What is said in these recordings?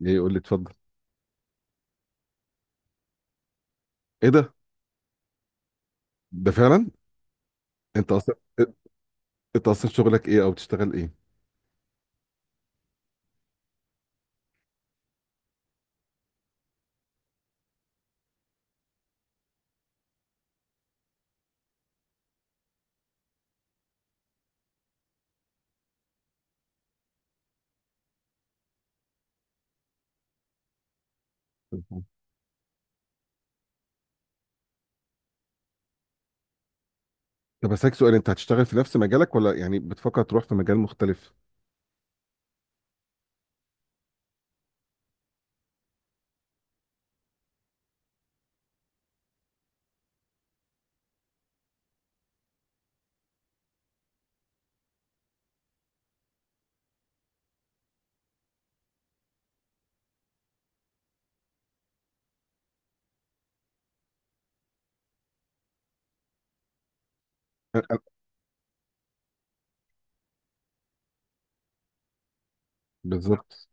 ليه؟ يقول لي اتفضل. ايه ده؟ ده فعلا؟ انت اصلا انت اصلا شغلك ايه، او بتشتغل ايه؟ طب هسألك سؤال، انت هتشتغل في نفس مجالك ولا يعني بتفكر تروح في مجال مختلف؟ أنا- أنا- بالظبط.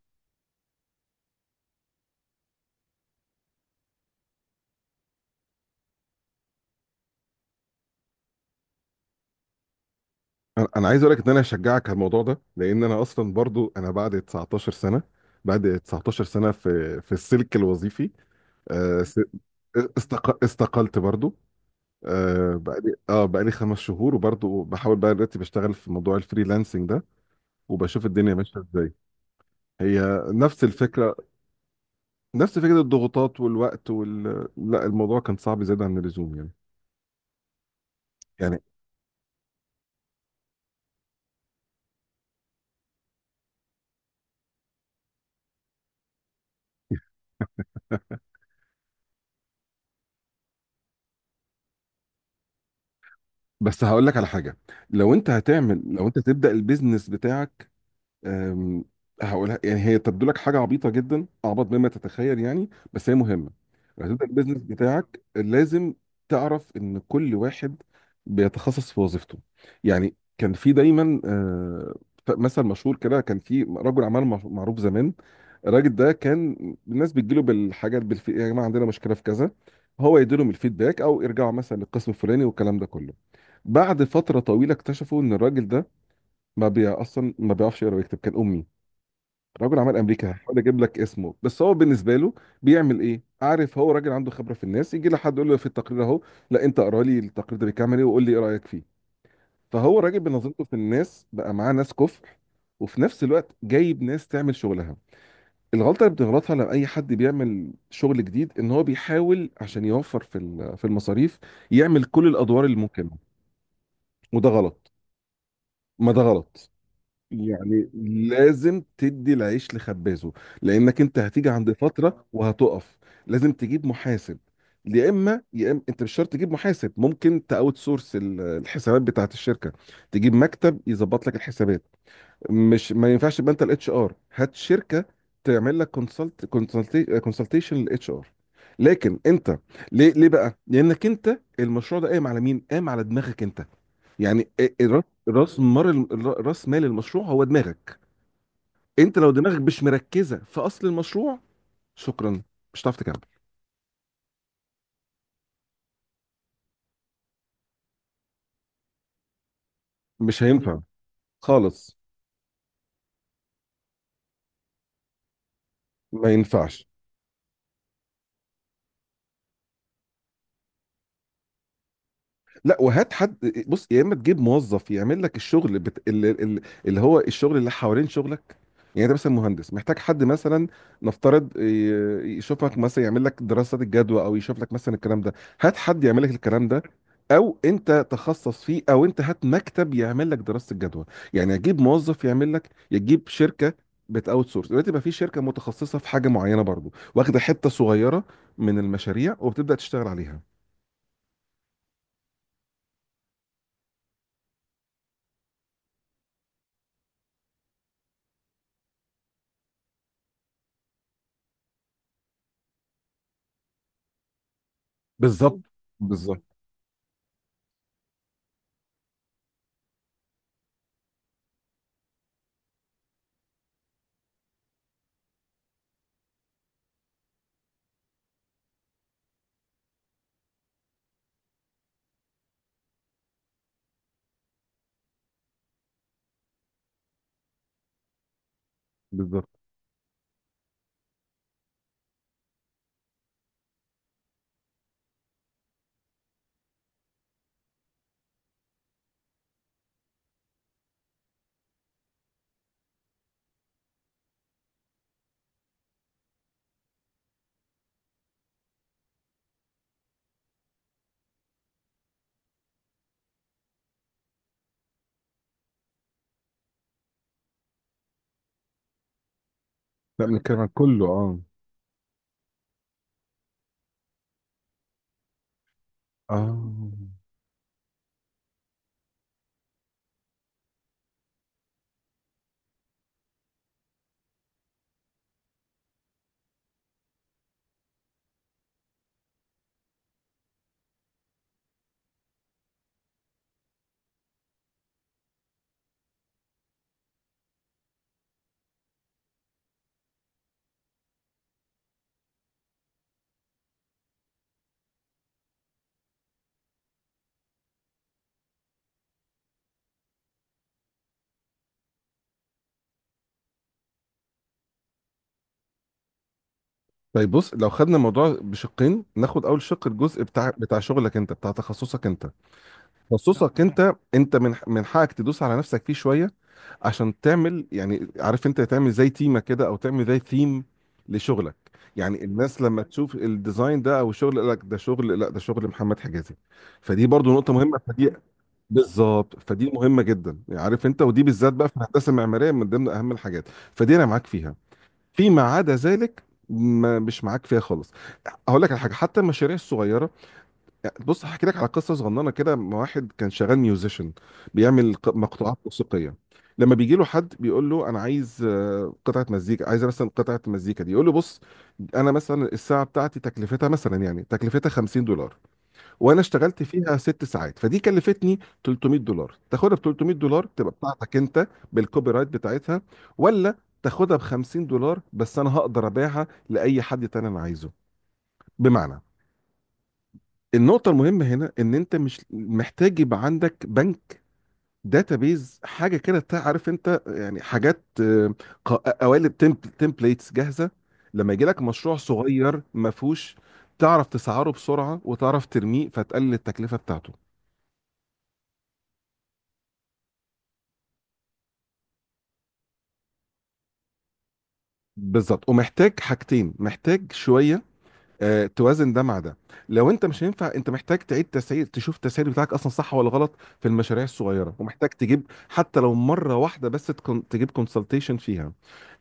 انا عايز اقول لك ان انا هشجعك على الموضوع ده، لان انا اصلا برضو انا بعد 19 سنه، في السلك الوظيفي. آه، س- استقلت برضو. بقالي بقالي 5 شهور، وبرضو بحاول بقى دلوقتي بشتغل في موضوع الفريلانسنج ده، وبشوف الدنيا ماشيه ازاي. هي نفس الفكره، نفس فكرة الضغوطات والوقت لا، الموضوع كان صعب زيادة عن اللزوم يعني. بس هقول لك على حاجة، لو انت هتعمل، لو انت تبدأ البيزنس بتاعك، أم، هقولها. يعني هي تبدو لك حاجه عبيطه جدا، اعبط مما تتخيل يعني، بس هي مهمه. لما تبدا البيزنس بتاعك لازم تعرف ان كل واحد بيتخصص في وظيفته. يعني كان في دايما مثل مشهور كده، كان في رجل اعمال معروف زمان. الراجل ده كان الناس بتجيله بالحاجات، يا جماعه عندنا مشكله في كذا، هو يديلهم الفيدباك او يرجعوا مثلا للقسم الفلاني والكلام ده كله. بعد فتره طويله اكتشفوا ان الراجل ده ما بي اصلا ما بيعرفش يقرا ويكتب، كان امي. راجل عمل امريكا، هحاول اجيب لك اسمه. بس هو بالنسبه له بيعمل ايه؟ عارف، هو راجل عنده خبره في الناس، يجي لحد يقول له في التقرير اهو، لا انت اقرا لي التقرير ده بيكمل ايه وقول لي ايه رايك فيه. فهو راجل بنظرته في الناس بقى معاه ناس كفء، وفي نفس الوقت جايب ناس تعمل شغلها. الغلطه اللي بتغلطها لما اي حد بيعمل شغل جديد، ان هو بيحاول عشان يوفر في في المصاريف، يعمل كل الادوار اللي ممكنه. وده غلط، ما ده غلط يعني. لازم تدي العيش لخبازه، لانك انت هتيجي عند فتره وهتقف. لازم تجيب محاسب، يا اما انت مش شرط تجيب محاسب، ممكن تاوت سورس الحسابات بتاعت الشركه، تجيب مكتب يظبط لك الحسابات. مش، ما ينفعش يبقى انت الاتش ار، هات شركه تعمل لك كونسلت، كونسلتيشن للاتش ار. لكن انت، ليه بقى؟ لانك انت المشروع ده قايم على مين؟ قايم على دماغك انت. يعني راس مال، راس مال المشروع هو دماغك انت. لو دماغك مش مركزه في اصل المشروع، شكرا، مش هتعرف تكمل، مش هينفع خالص، ما ينفعش. لا، وهات حد. بص، يا اما تجيب موظف يعمل لك الشغل، اللي, اللي هو الشغل اللي حوالين شغلك. يعني انت مثلا مهندس، محتاج حد مثلا نفترض يشوفك، مثلا يعمل لك دراسات الجدوى، او يشوف لك مثلا الكلام ده. هات حد يعمل لك الكلام ده، او انت تخصص فيه، او انت هات مكتب يعمل لك دراسة الجدوى. يعني اجيب موظف يعمل لك، يجيب شركة، بت اوت سورس. دلوقتي بقى في شركة متخصصة في حاجة معينة برضو، واخدة حتة صغيرة من المشاريع وبتبدأ تشتغل عليها. بالظبط. بالظبط. بالظبط. لا، بنتكلم عن كله اه. اه. طيب بص، لو خدنا الموضوع بشقين، ناخد اول شق الجزء بتاع شغلك انت، بتاع تخصصك انت. تخصصك انت، انت من حقك تدوس على نفسك فيه شويه، عشان تعمل يعني، عارف انت، تعمل زي تيمه كده، او تعمل زي ثيم لشغلك. يعني الناس لما تشوف الديزاين ده او الشغل يقول لك ده شغل، لا، ده شغل محمد حجازي. فدي برضو نقطه مهمه فدي. بالظبط، فدي مهمه جدا يعني، عارف انت، ودي بالذات بقى في الهندسه المعماريه من ضمن اهم الحاجات. فدي انا معاك فيها. فيما عدا ذلك، ما مش معاك فيها خالص. هقول لك على حاجه، حتى المشاريع الصغيره، يعني بص هحكي لك على قصه صغننه كده. مع واحد كان شغال ميوزيشن، بيعمل مقطوعات موسيقيه، لما بيجي له حد بيقول له انا عايز قطعه مزيكا، عايز مثلا قطعه مزيكا دي، يقول له بص، انا مثلا الساعه بتاعتي تكلفتها مثلا، يعني تكلفتها 50 دولار، وانا اشتغلت فيها 6 ساعات، فدي كلفتني 300 دولار. تاخدها ب 300 دولار تبقى بتاعتك انت بالكوبي رايت بتاعتها، ولا تاخدها ب 50 دولار بس انا هقدر ابيعها لاي حد تاني انا عايزه؟ بمعنى، النقطة المهمة هنا ان انت مش محتاج يبقى عندك بنك داتابيز، حاجة كده تعرف انت، يعني حاجات قوالب، تمبليتس جاهزة، لما يجي لك مشروع صغير ما فيهوش، تعرف تسعره بسرعة وتعرف ترميه، فتقلل التكلفة بتاعته. بالظبط. ومحتاج حاجتين، محتاج شويه توازن ده مع ده. لو انت مش، هينفع انت محتاج تعيد تسعير، تشوف التسعير بتاعك اصلا صح ولا غلط في المشاريع الصغيره. ومحتاج تجيب، حتى لو مره واحده بس، تكون تجيب كونسلتيشن فيها.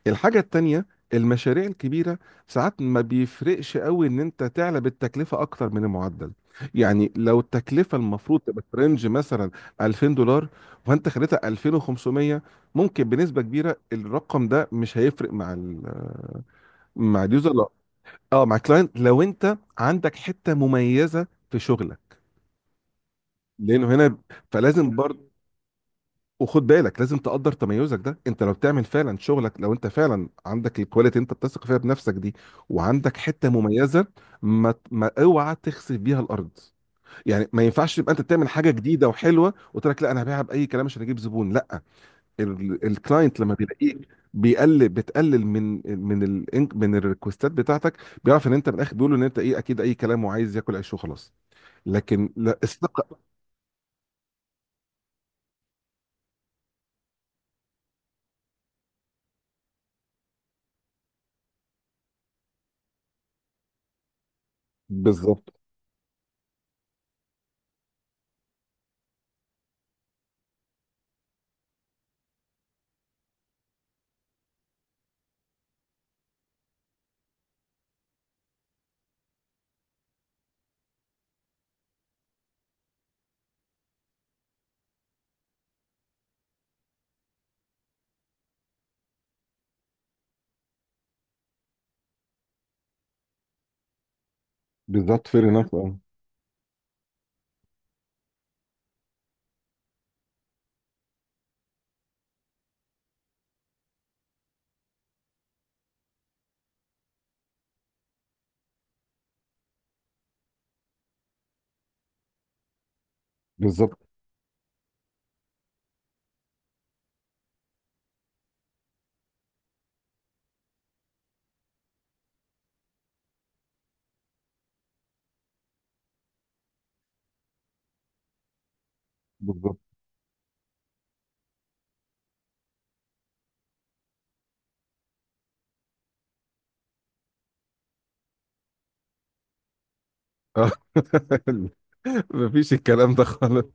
الحاجه التانيه، المشاريع الكبيره، ساعات ما بيفرقش قوي ان انت تعلى بالتكلفه اكتر من المعدل. يعني لو التكلفه المفروض تبقى في رينج مثلا 2000 دولار، فانت خليتها 2500، ممكن بنسبه كبيره الرقم ده مش هيفرق مع ال، مع اليوزر، لا اه، مع كلاينت، لو انت عندك حته مميزه في شغلك، لانه هنا فلازم برضه. وخد بالك، لازم تقدر تميزك ده، انت لو بتعمل فعلا شغلك، لو انت فعلا عندك الكواليتي انت بتثق فيها بنفسك دي، وعندك حته مميزه، ما اوعى تخسف بيها الارض. يعني ما ينفعش تبقى انت تعمل حاجه جديده وحلوه، وتقول لك لا انا هبيعها باي كلام عشان اجيب زبون، لا. الكلاينت لما بيلاقيك بيقلل، بتقلل من ال، من الريكوستات بتاعتك. بيعرف ان انت من الاخر، بيقول ان انت ايه، اكيد اي كلام وعايز ياكل عيش وخلاص. لكن لا، الثقه. بالظبط. بالظبط. فير انف اه. بالظبط. بالظبط. آه. مفيش الكلام ده خالص.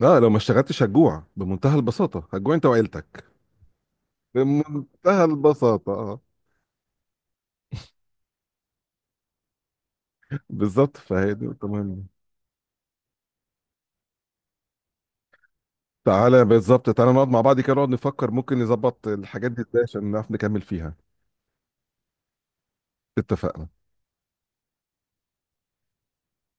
لا، لو ما اشتغلتش هتجوع بمنتهى البساطه، هتجوع انت وعيلتك. بمنتهى البساطه اه. بالظبط، فهي دي نقطة مهمة. تعالى بالظبط، تعالى نقعد مع بعض كده، نقعد نفكر ممكن نظبط الحاجات دي ازاي عشان نعرف نكمل فيها. اتفقنا.